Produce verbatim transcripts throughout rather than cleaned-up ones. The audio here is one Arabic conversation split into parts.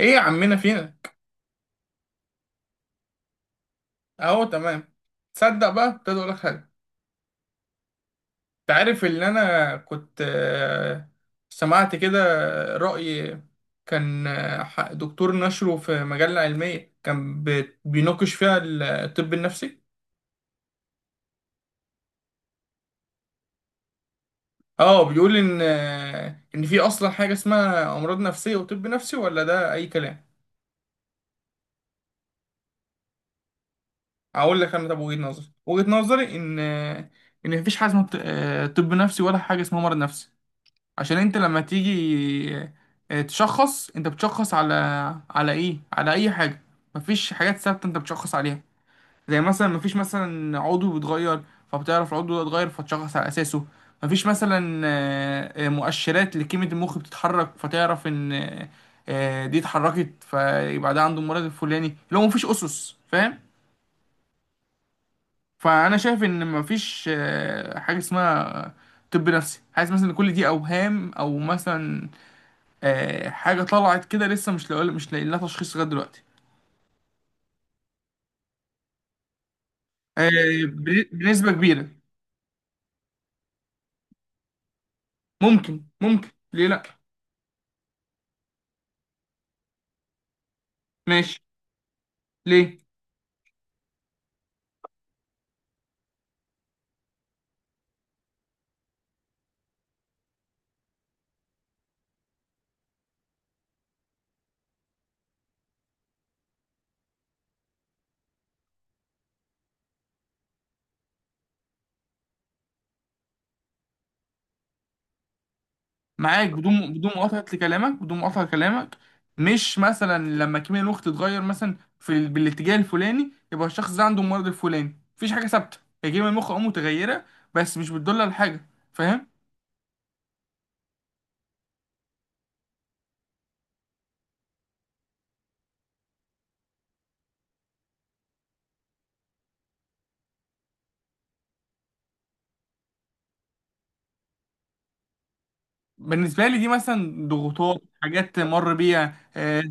ايه يا عمنا فينا. اهو تمام. تصدق بقى ابتدى اقول لك حاجه. انت عارف ان انا كنت آه، سمعت كده رأي. كان آه، ح- دكتور نشره في مجلة علمية، كان بي- بيناقش فيها ال- الطب النفسي. اه بيقول ان آه، ان في اصلا حاجه اسمها امراض نفسيه وطب نفسي، ولا ده اي كلام. اقول لك انا، طب وجهة نظري، وجهة نظري ان آه، ان مفيش حاجه اسمها ط- آه، طب نفسي، ولا حاجه اسمها مرض نفسي. عشان انت لما تيجي آه، تشخص، انت بتشخص على، على ايه، على اي حاجه؟ مفيش حاجات ثابته انت بتشخص عليها. زي مثلا مفيش مثلا عضو بيتغير فبتعرف العضو ده اتغير فتشخص على اساسه. مفيش مثلا آه، آه، مؤشرات لكيمياء المخ بتتحرك فتعرف ان آه، آه، دي اتحركت فيبقى ده عنده المرض الفلاني. لو مفيش اسس، فاهم؟ فانا شايف ان مفيش آه، حاجه اسمها طب نفسي. حاسس مثلا ان كل دي اوهام، او مثلا آه، حاجة طلعت كده لسه مش لاقي، مش لاقي لها تشخيص لغاية دلوقتي. آه، بن- بنسبة كبيرة. ممكن، ممكن، ليه لأ. ماشي. ليه؟ معاك. بدون، بدون مقاطعة لكلامك بدون مقاطعة لكلامك. مش مثلا لما كيمياء الوقت تتغير مثلا في ال- بالاتجاه الفلاني يبقى الشخص ده عنده المرض الفلاني؟ مفيش حاجة ثابتة. هي كيمياء المخ اه متغيرة، بس مش بتدل على حاجة، فاهم؟ بالنسبة لي دي مثلا ضغوطات، حاجات مر بيها، آه،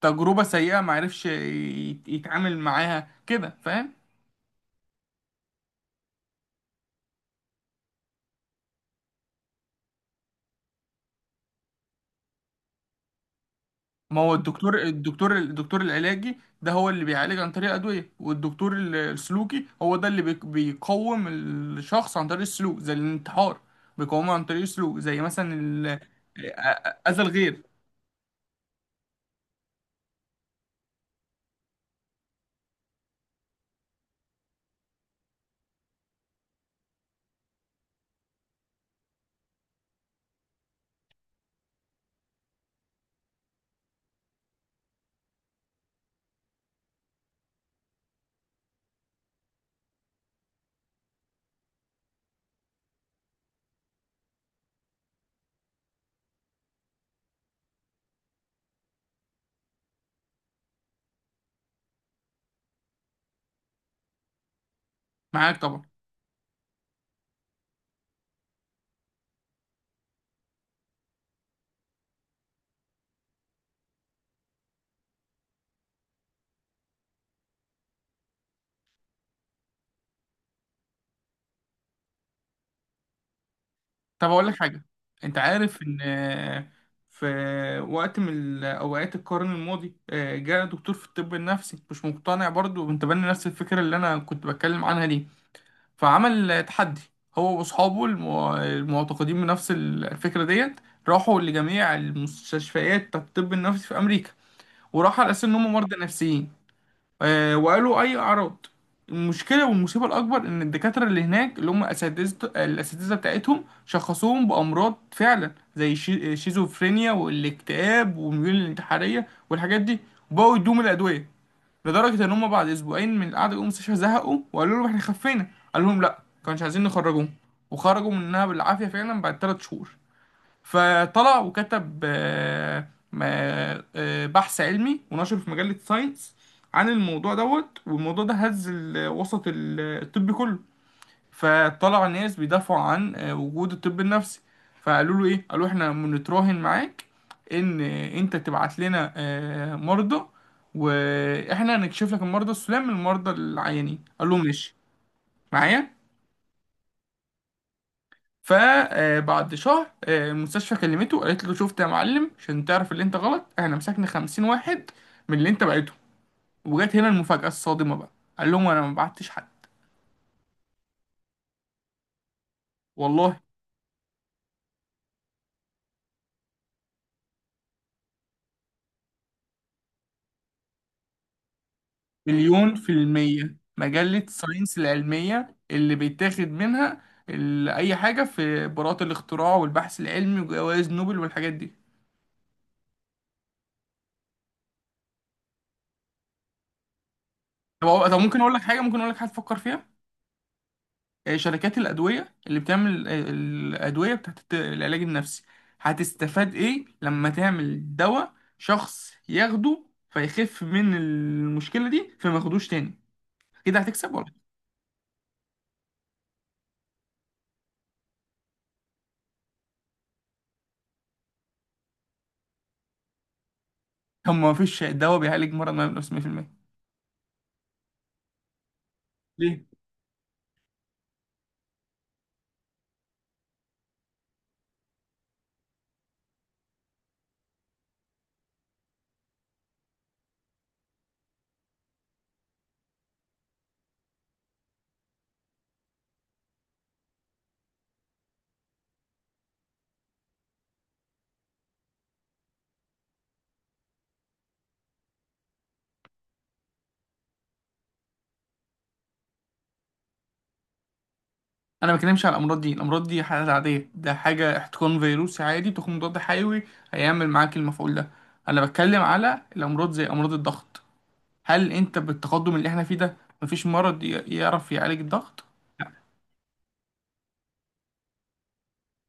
تجربة سيئة، معرفش يت- يتعامل معاها كده، فاهم. ما هو الدكتور، الدكتور الدكتور العلاجي، ده هو اللي بيعالج عن طريق أدوية، والدكتور ال- السلوكي هو ده اللي بيك- بيقوم الشخص عن طريق السلوك زي الانتحار. بيقومه عن طريق السلوك زي مثلا ال- آ- آ- أذى الغير. معاك طبعا. طب أقول لك حاجة. أنت عارف إن آه، في وقت من أوقات القرن الماضي آه، جاء دكتور في الطب النفسي مش مقتنع برضه، وأنت بني نفس الفكرة اللي أنا كنت بتكلم عنها دي. فعمل تحدي، هو واصحابه المو- المعتقدين بنفس الفكرة ديت. راحوا لجميع المستشفيات بتاعت الطب النفسي في امريكا، وراحوا على اساس ان هم مرضى نفسيين. آه، وقالوا اي اعراض. المشكلة والمصيبة الأكبر إن الدكاترة اللي هناك اللي هم أساتذة الأساتذة بتاعتهم شخصوهم بأمراض فعلا زي الشي- الشيزوفرينيا والاكتئاب والميول الانتحارية والحاجات دي، وبقوا يدوهم الأدوية. لدرجة إن هم بعد أسبوعين من القعدة جم المستشفى زهقوا وقالوا لهم إحنا خفينا. قال لهم لأ، كانش عايزين نخرجوهم. وخرجوا منها بالعافية فعلا بعد تلات شهور. فطلع وكتب آه، ما- آه، بحث علمي ونشره في مجلة ساينس عن الموضوع دوت. والموضوع ده هز ال- وسط ال- الطب كله. فطلع ناس بيدافعوا عن آه، وجود الطب النفسي. فقالوا له ايه، قالوا احنا بنتراهن معاك ان آه، انت تبعت لنا آه، مرضى، واحنا هنكشف لك المرضى السلام من المرضى العيانين. قال له ماشي، معايا. فبعد شهر آه، المستشفى كلمته قالت له شفت يا معلم، عشان تعرف اللي انت غلط، احنا مسكنا خمسين واحد من اللي انت بعته. وجات هنا المفاجأة الصادمة بقى، قال لهم انا ما بعتش حد. والله. مليون في المية. مجلة ساينس العلمية اللي بيتاخد منها ال- أي حاجة في براءة الاختراع والبحث العلمي وجوائز نوبل والحاجات دي. طب طب ممكن أقول لك حاجة، ممكن أقول لك حاجة تفكر فيها. آه، شركات الأدوية اللي بتعمل آه، الأدوية بتاعت الت- العلاج النفسي، هتستفاد إيه لما تعمل دواء شخص ياخده فيخف من المشكلة دي فما ياخدوش تاني؟ كده هتكسب ولا؟ طب ما فيش دواء بيعالج مرض نفسي مية في المية، ليه؟ انا ما بتكلمش على الامراض دي. الامراض دي حالات عاديه، ده حاجه احتقان فيروسي عادي، تاخد مضاد حيوي هيعمل معاك المفعول ده. انا بتكلم على الامراض زي امراض الضغط. هل انت بالتقدم اللي احنا فيه ده مفيش مرض ي- يعرف يعالج الضغط؟ لا.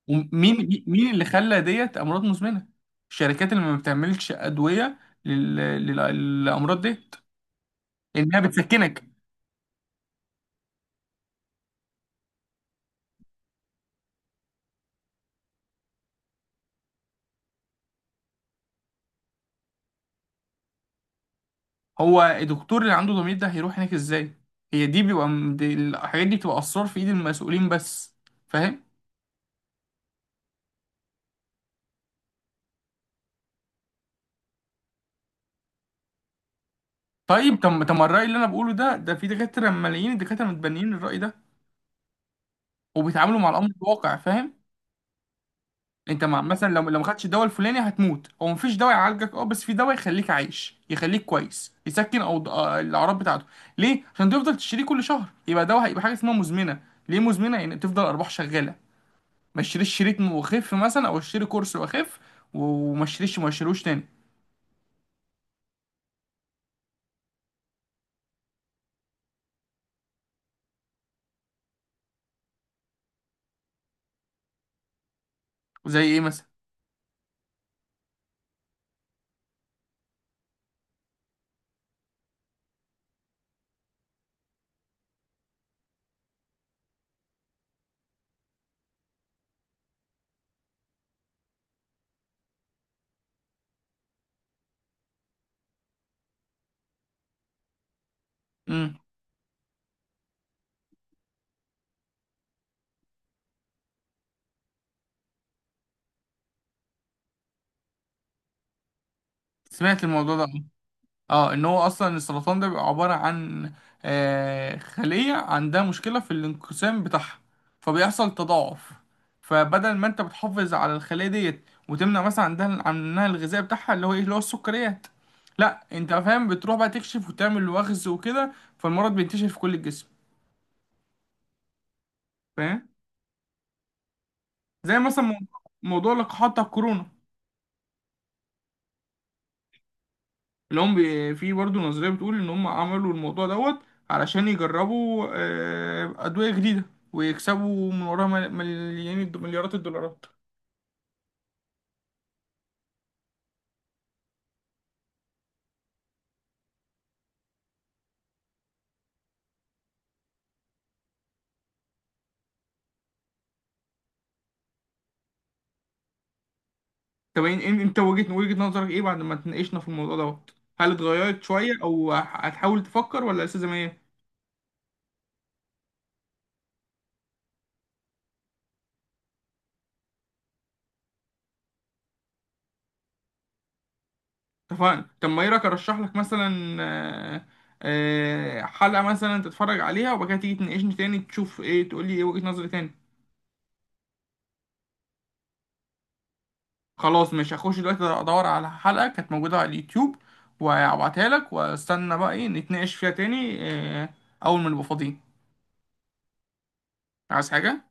ومين، مين اللي خلى ديت امراض مزمنه؟ الشركات اللي ما بتعملش ادويه لل... لل... للامراض ديت، لانها بتسكنك. هو الدكتور اللي عنده ضمير ده هيروح هناك ازاي؟ هي دي بيبقى، دي الحاجات دي بتبقى اسرار في ايد المسؤولين بس، فاهم؟ طيب. طب طب ما الرأي اللي انا بقوله ده، ده في دكاترة، ملايين الدكاترة متبنيين الرأي ده وبيتعاملوا مع الأمر الواقع، فاهم. انت مع مثلا لو، لو ما خدتش الدواء الفلاني هتموت، هو مفيش دواء يعالجك اه، بس في دواء يخليك عايش يخليك كويس يسكن او آه، الاعراض بتاعته. ليه؟ عشان تفضل تشتريه كل شهر، يبقى دواء هيبقى حاجة اسمها مزمنة. ليه مزمنة؟ يعني تفضل ارباح شغالة. ما اشتريش شريط وخف مثلا، او اشتري كورس واخف وما اشتريش، ما اشتروش تاني. زي ايه مثلا؟ امم. سمعت الموضوع ده. اه، ان هو اصلا السرطان ده بيبقى عبارة عن آه، خلية عندها مشكلة في الانقسام بتاعها، فبيحصل تضاعف. فبدل ما انت بتحافظ على الخلية ديت وتمنع مثلا عندها عنها الغذاء بتاعها اللي هو ايه، اللي هو السكريات، لا انت فاهم بتروح بقى تكشف وتعمل وخز وكده، فالمرض بينتشر في كل الجسم، فاهم. زي مثلا موضوع، موضوع لقاحات بتاع الكورونا، اللي هم بي- في برضه نظرية بتقول إن هم عملوا الموضوع دوت علشان يجربوا آه، أدوية جديدة ويكسبوا من وراها مل- مليان الد- مليارات الدولارات. طب إن- إن- انت وجهة، وجهة نظرك ايه بعد ما اتناقشنا في الموضوع دوت؟ هل اتغيرت شوية، او ه- هتحاول تفكر، ولا لسه زي ما هي؟ اتفقنا. طب ما ايه رأيك ارشح لك مثلا آه، آه، حلقة مثلا تتفرج عليها، وبعد كده تيجي تناقشني تاني تشوف ايه، تقول لي ايه وجهة نظري تاني. خلاص مش هخش دلوقتي ادور على حلقة كانت موجودة على اليوتيوب وهبعتها لك، واستنى بقى ايه نتناقش فيها تاني، آه، اول ما نبقى فاضيين. عايز حاجة؟